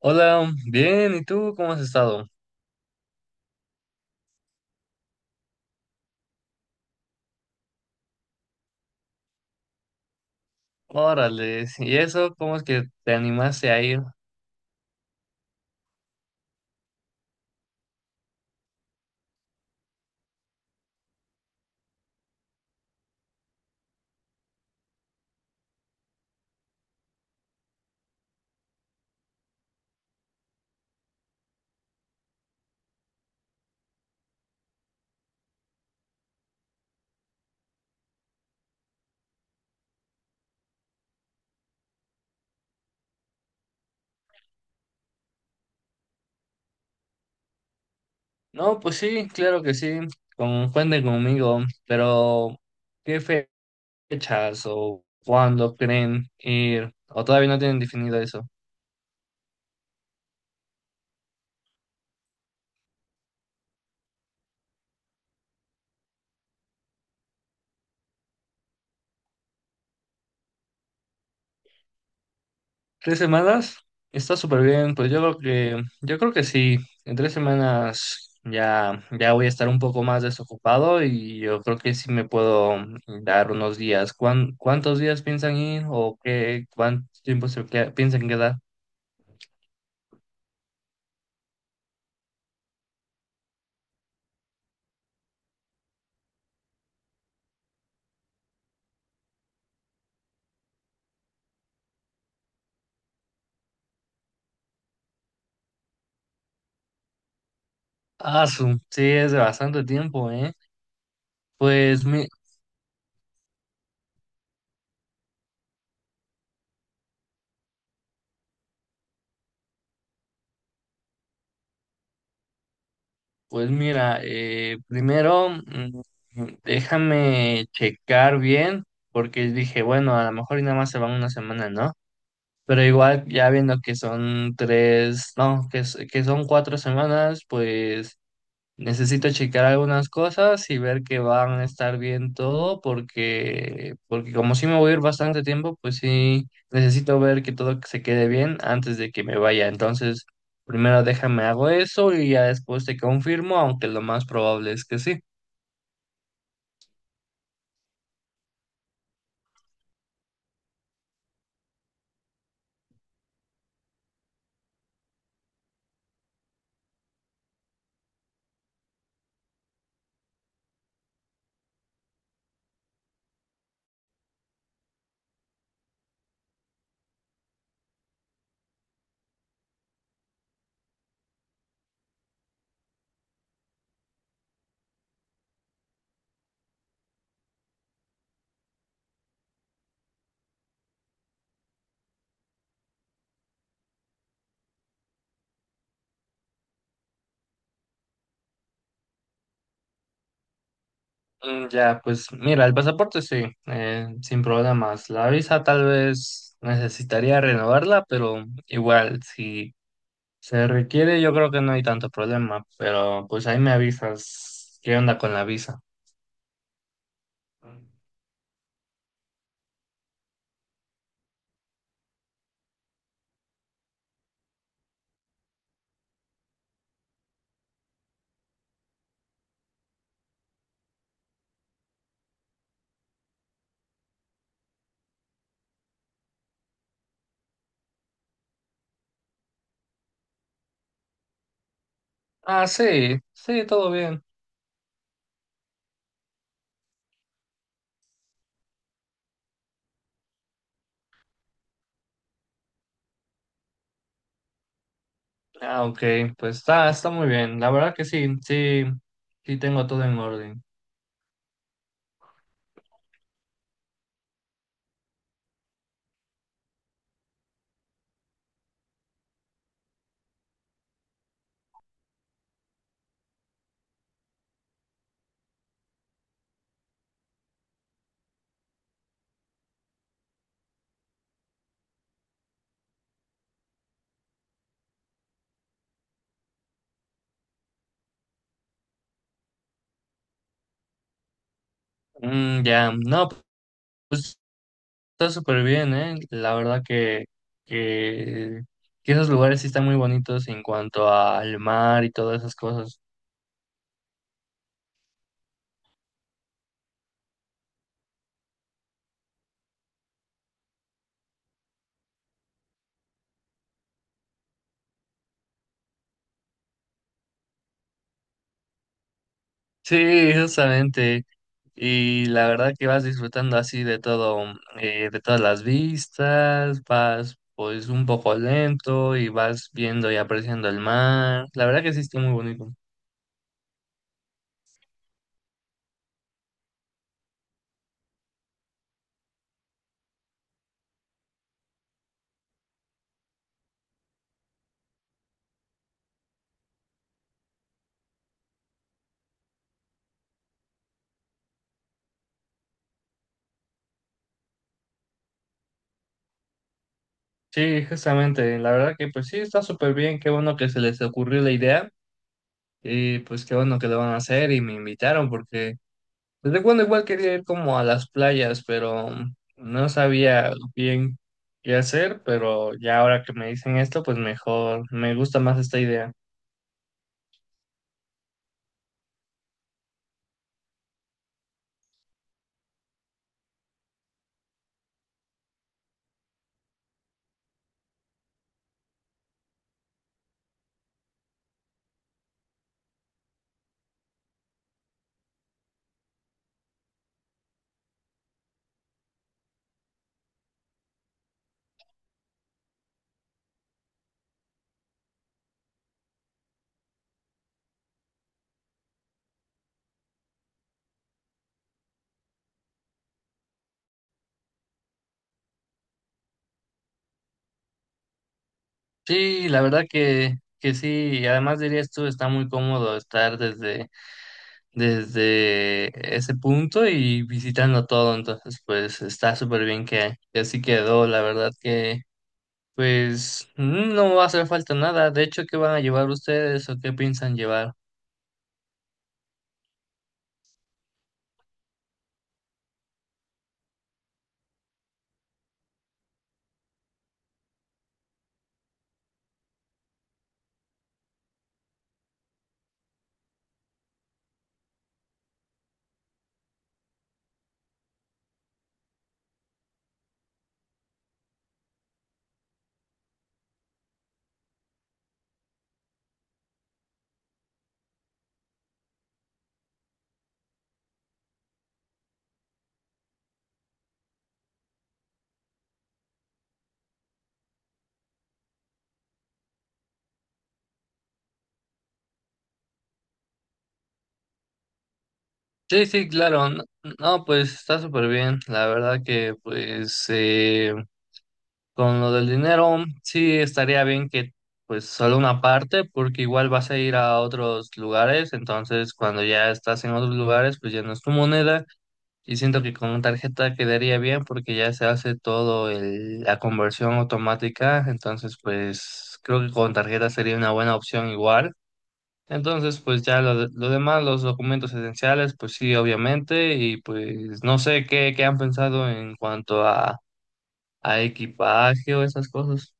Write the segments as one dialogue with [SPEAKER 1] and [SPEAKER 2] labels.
[SPEAKER 1] Hola, bien, ¿y tú cómo has estado? Órale, sí, ¿y eso cómo es que te animaste a ir? No, pues sí, claro que sí, cuenten conmigo, pero ¿qué fechas o cuándo creen ir? ¿O todavía no tienen definido eso? 3 semanas está súper bien, pues yo creo que sí, en 3 semanas ya voy a estar un poco más desocupado y yo creo que sí me puedo dar unos días. Cuántos días piensan ir o qué, cuánto tiempo piensan quedar? Ah, sí, es bastante tiempo, ¿eh? Pues, mi, pues mira, primero déjame checar bien, porque dije, bueno, a lo mejor y nada más se van una semana, ¿no? Pero igual, ya viendo que son tres, no, que son 4 semanas, pues necesito checar algunas cosas y ver que van a estar bien todo, porque como sí me voy a ir bastante tiempo, pues sí, necesito ver que todo se quede bien antes de que me vaya. Entonces, primero déjame hago eso y ya después te confirmo, aunque lo más probable es que sí. Ya, pues mira, el pasaporte sí, sin problemas. La visa tal vez necesitaría renovarla, pero igual, si se requiere, yo creo que no hay tanto problema, pero pues ahí me avisas qué onda con la visa. Ah, sí, sí, todo bien. Ah, ok, pues está muy bien. La verdad que sí, sí, sí tengo todo en orden. Ya, no, pues está súper bien, ¿eh? La verdad que, que esos lugares sí están muy bonitos en cuanto al mar y todas esas cosas. Sí, justamente. Y la verdad que vas disfrutando así de todo, de todas las vistas, vas pues un poco lento y vas viendo y apreciando el mar. La verdad que sí está muy bonito. Sí, justamente. La verdad que pues sí está súper bien. Qué bueno que se les ocurrió la idea. Y pues qué bueno que lo van a hacer y me invitaron porque pues recuerdo igual quería ir como a las playas, pero no sabía bien qué hacer, pero ya ahora que me dicen esto, pues mejor, me gusta más esta idea. Sí, la verdad que sí, y además dirías tú, está muy cómodo estar desde ese punto y visitando todo, entonces pues está súper bien que así quedó, la verdad que pues no va a hacer falta nada, de hecho, ¿qué van a llevar ustedes o qué piensan llevar? Sí, sí, claro. No, no, pues está súper bien. La verdad que pues con lo del dinero sí estaría bien que pues solo una parte porque igual vas a ir a otros lugares. Entonces cuando ya estás en otros lugares pues ya no es tu moneda y siento que con tarjeta quedaría bien porque ya se hace todo la conversión automática. Entonces pues creo que con tarjeta sería una buena opción igual. Entonces, pues ya lo demás, los documentos esenciales, pues sí, obviamente, y pues no sé qué han pensado en cuanto a equipaje o esas cosas.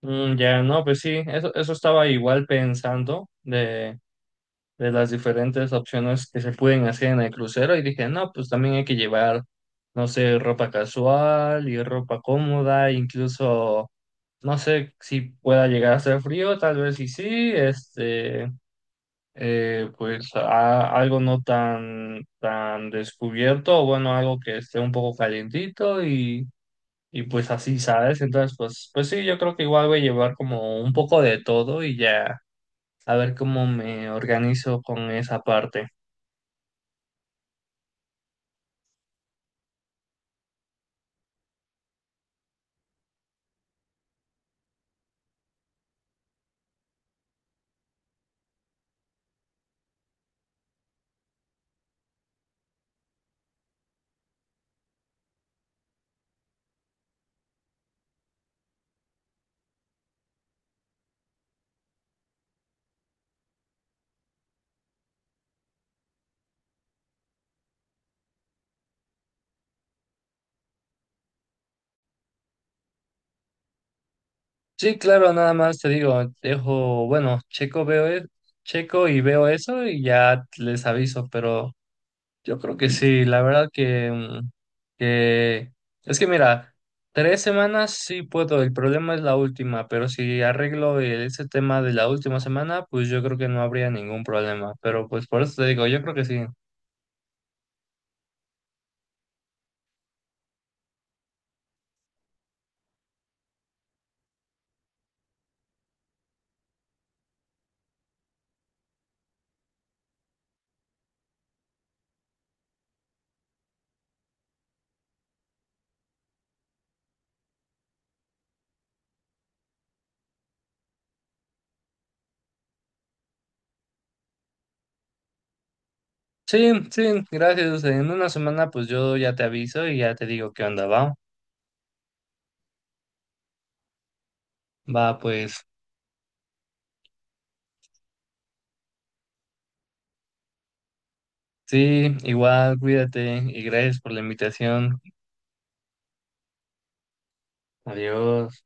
[SPEAKER 1] Ya, no, pues sí, eso estaba igual pensando de las diferentes opciones que se pueden hacer en el crucero y dije, no, pues también hay que llevar, no sé, ropa casual y ropa cómoda, incluso, no sé si pueda llegar a hacer frío, tal vez sí sí, pues algo no tan, tan descubierto, o bueno, algo que esté un poco calientito y pues así, ¿sabes? Entonces, pues sí, yo creo que igual voy a llevar como un poco de todo y ya a ver cómo me organizo con esa parte. Sí, claro, nada más te digo, dejo, bueno, checo, veo, checo y veo eso y ya les aviso, pero. Yo creo que sí, la verdad que es que mira, 3 semanas sí puedo, el problema es la última, pero si arreglo ese tema de la última semana, pues yo creo que no habría ningún problema, pero pues por eso te digo, yo creo que sí. Sí, sí, gracias. En una semana pues yo ya te aviso y ya te digo qué onda, va. Va, pues sí, igual, cuídate y gracias por la invitación. Adiós.